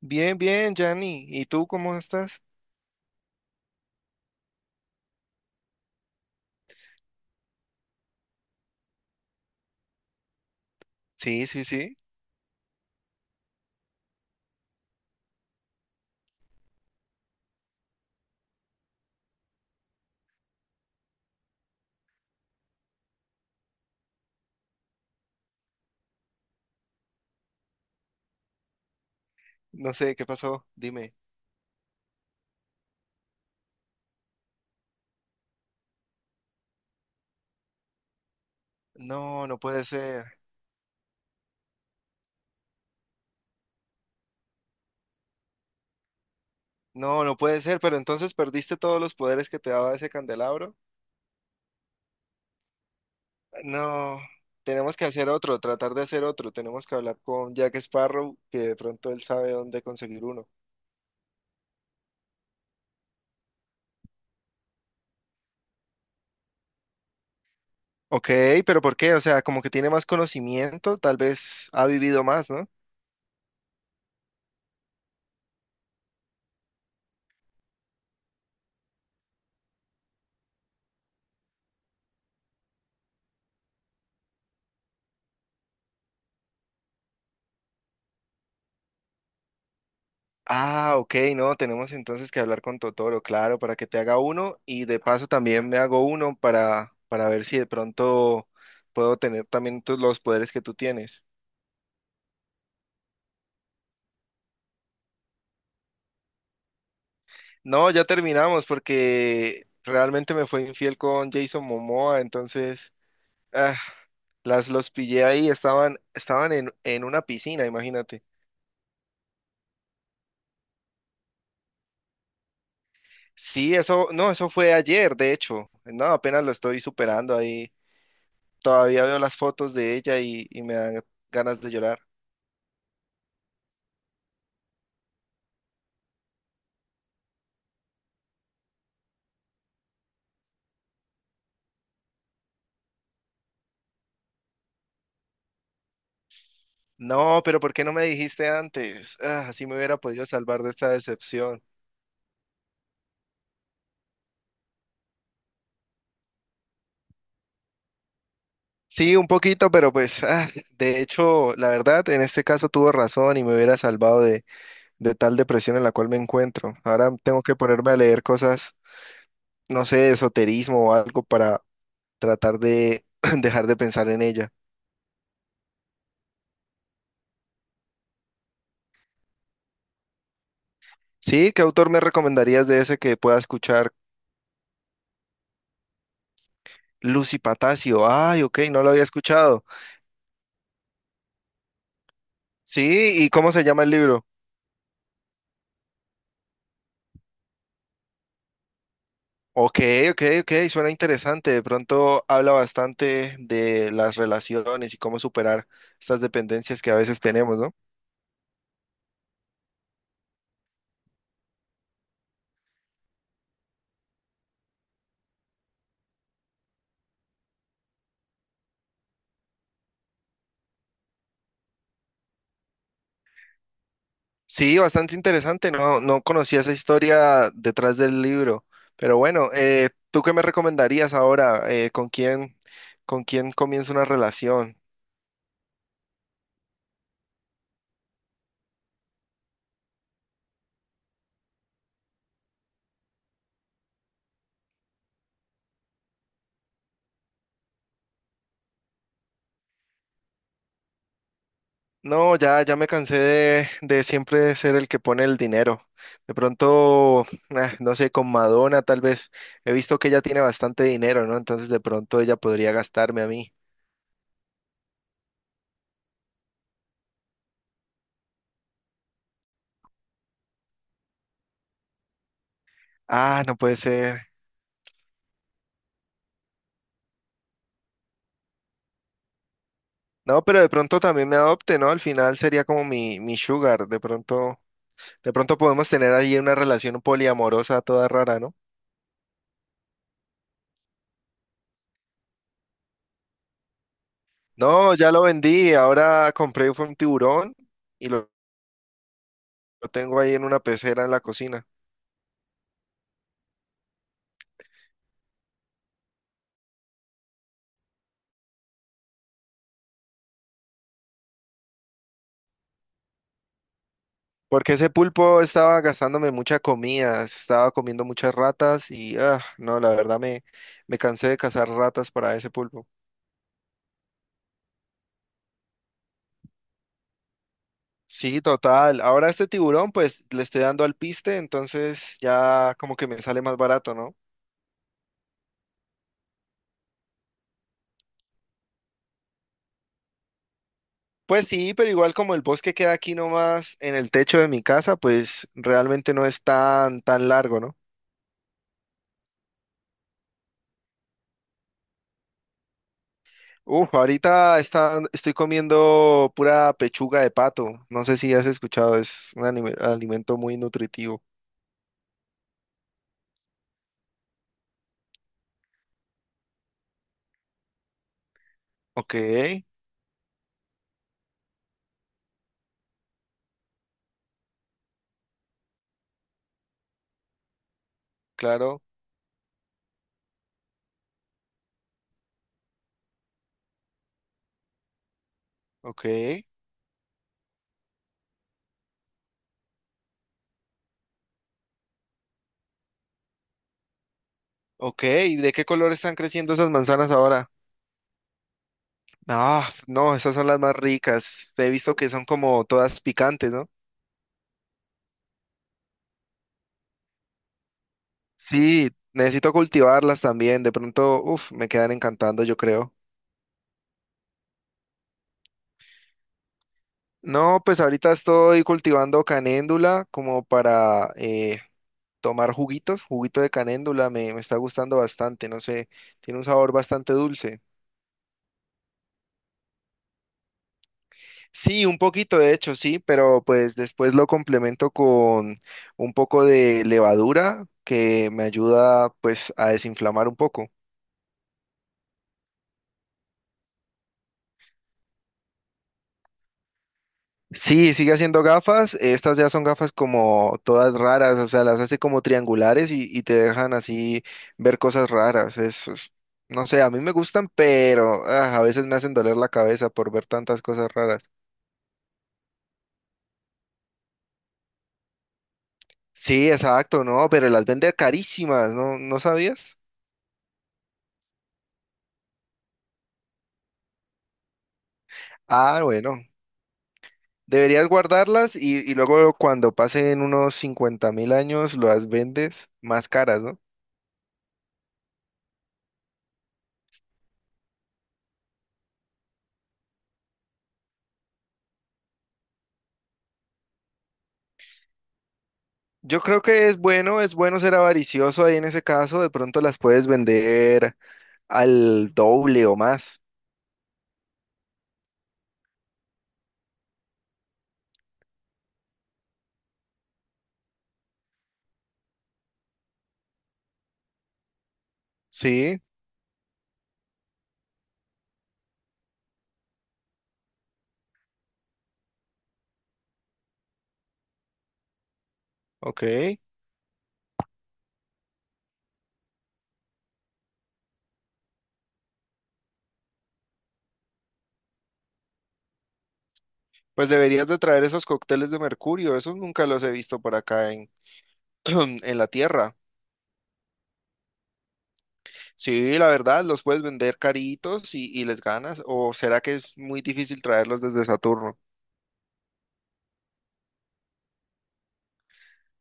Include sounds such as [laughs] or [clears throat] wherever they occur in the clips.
Bien, bien, Yanni. ¿Y tú cómo estás? Sí, sí, sí. No sé, ¿qué pasó? Dime. No, no puede ser. No, no puede ser, pero entonces perdiste todos los poderes que te daba ese candelabro. No, tenemos que hacer otro, tratar de hacer otro. Tenemos que hablar con Jack Sparrow, que de pronto él sabe dónde conseguir uno. Ok, pero ¿por qué? O sea, como que tiene más conocimiento, tal vez ha vivido más, ¿no? Ah, ok, no, tenemos entonces que hablar con Totoro, claro, para que te haga uno y de paso también me hago uno para, ver si de pronto puedo tener también los poderes que tú tienes. No, ya terminamos porque realmente me fue infiel con Jason Momoa, entonces ah, las los pillé ahí, estaban, en, una piscina, imagínate. Sí, eso, no, eso fue ayer, de hecho. No, apenas lo estoy superando ahí. Todavía veo las fotos de ella y, me dan ganas de llorar. No, pero ¿por qué no me dijiste antes? Ah, así me hubiera podido salvar de esta decepción. Sí, un poquito, pero pues, de hecho, la verdad, en este caso tuvo razón y me hubiera salvado de, tal depresión en la cual me encuentro. Ahora tengo que ponerme a leer cosas, no sé, de esoterismo o algo para tratar de [clears throat] dejar de pensar en ella. Sí, ¿qué autor me recomendarías de ese que pueda escuchar? Lucy Patacio. Ay, ok, no lo había escuchado. Sí, ¿y cómo se llama el libro? Ok, ok, ok, suena interesante. De pronto habla bastante de las relaciones y cómo superar estas dependencias que a veces tenemos, ¿no? Sí, bastante interesante. No, no conocía esa historia detrás del libro. Pero bueno, ¿tú qué me recomendarías ahora? ¿Con quién, comienzo una relación? No, ya, me cansé de, siempre ser el que pone el dinero. De pronto, no sé, con Madonna tal vez. He visto que ella tiene bastante dinero, ¿no? Entonces de pronto ella podría gastarme a mí. Ah, no puede ser. No, pero de pronto también me adopte, ¿no? Al final sería como mi, sugar. De pronto, podemos tener ahí una relación poliamorosa toda rara, ¿no? No, ya lo vendí. Ahora compré fue un tiburón y lo tengo ahí en una pecera en la cocina. Porque ese pulpo estaba gastándome mucha comida, estaba comiendo muchas ratas y no, la verdad me cansé de cazar ratas para ese pulpo. Sí, total. Ahora este tiburón, pues le estoy dando al piste, entonces ya como que me sale más barato, ¿no? Pues sí, pero igual como el bosque queda aquí nomás en el techo de mi casa, pues realmente no es tan, largo, ¿no? Uf, estoy comiendo pura pechuga de pato. No sé si has escuchado, es un alimento muy nutritivo. Ok, claro, ok, ok. ¿Y de qué color están creciendo esas manzanas ahora? Ah, no, esas son las más ricas. He visto que son como todas picantes, ¿no? Sí, necesito cultivarlas también. De pronto, uff, me quedan encantando, yo creo. No, pues ahorita estoy cultivando canéndula como para tomar juguitos, juguito de canéndula. Me está gustando bastante, no sé, tiene un sabor bastante dulce. Sí, un poquito de hecho, sí, pero pues después lo complemento con un poco de levadura que me ayuda pues a desinflamar un poco. Sí, sigue haciendo gafas, estas ya son gafas como todas raras, o sea, las hace como triangulares y, te dejan así ver cosas raras. No sé, a mí me gustan, pero a veces me hacen doler la cabeza por ver tantas cosas raras. Sí, exacto, no, pero las vende carísimas, ¿no? ¿No sabías? Ah, bueno. Deberías guardarlas y, luego cuando pasen unos 50.000 años las vendes más caras, ¿no? Yo creo que es bueno ser avaricioso ahí en ese caso, de pronto las puedes vender al doble o más. Sí, ok. Pues deberías de traer esos cócteles de mercurio, esos nunca los he visto por acá en, la tierra. Sí, la verdad, los puedes vender caritos y, les ganas, o será que es muy difícil traerlos desde Saturno.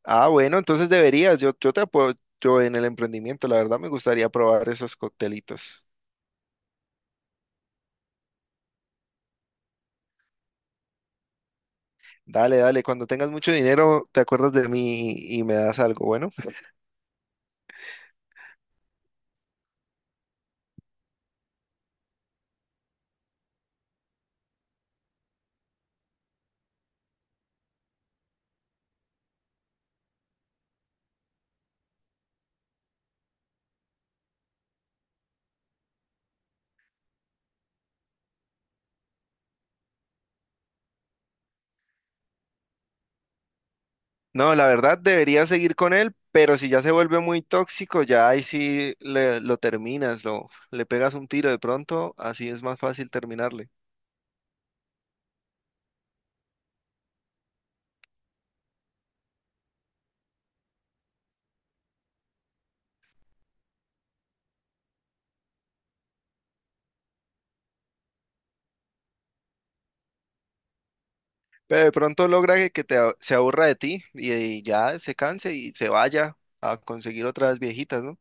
Ah, bueno, entonces deberías. Yo, te apoyo en el emprendimiento. La verdad me gustaría probar esos coctelitos. Dale, dale. Cuando tengas mucho dinero, te acuerdas de mí y, me das algo. Bueno, [laughs] no, la verdad debería seguir con él, pero si ya se vuelve muy tóxico, ya ahí sí lo terminas, le pegas un tiro de pronto, así es más fácil terminarle. Pero de pronto logra que, se aburra de ti y, ya se canse y se vaya a conseguir otras viejitas, ¿no?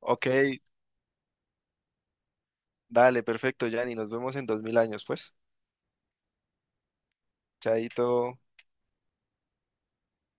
Ok, dale, perfecto, Yanni. Nos vemos en 2.000 años, pues. Chaito.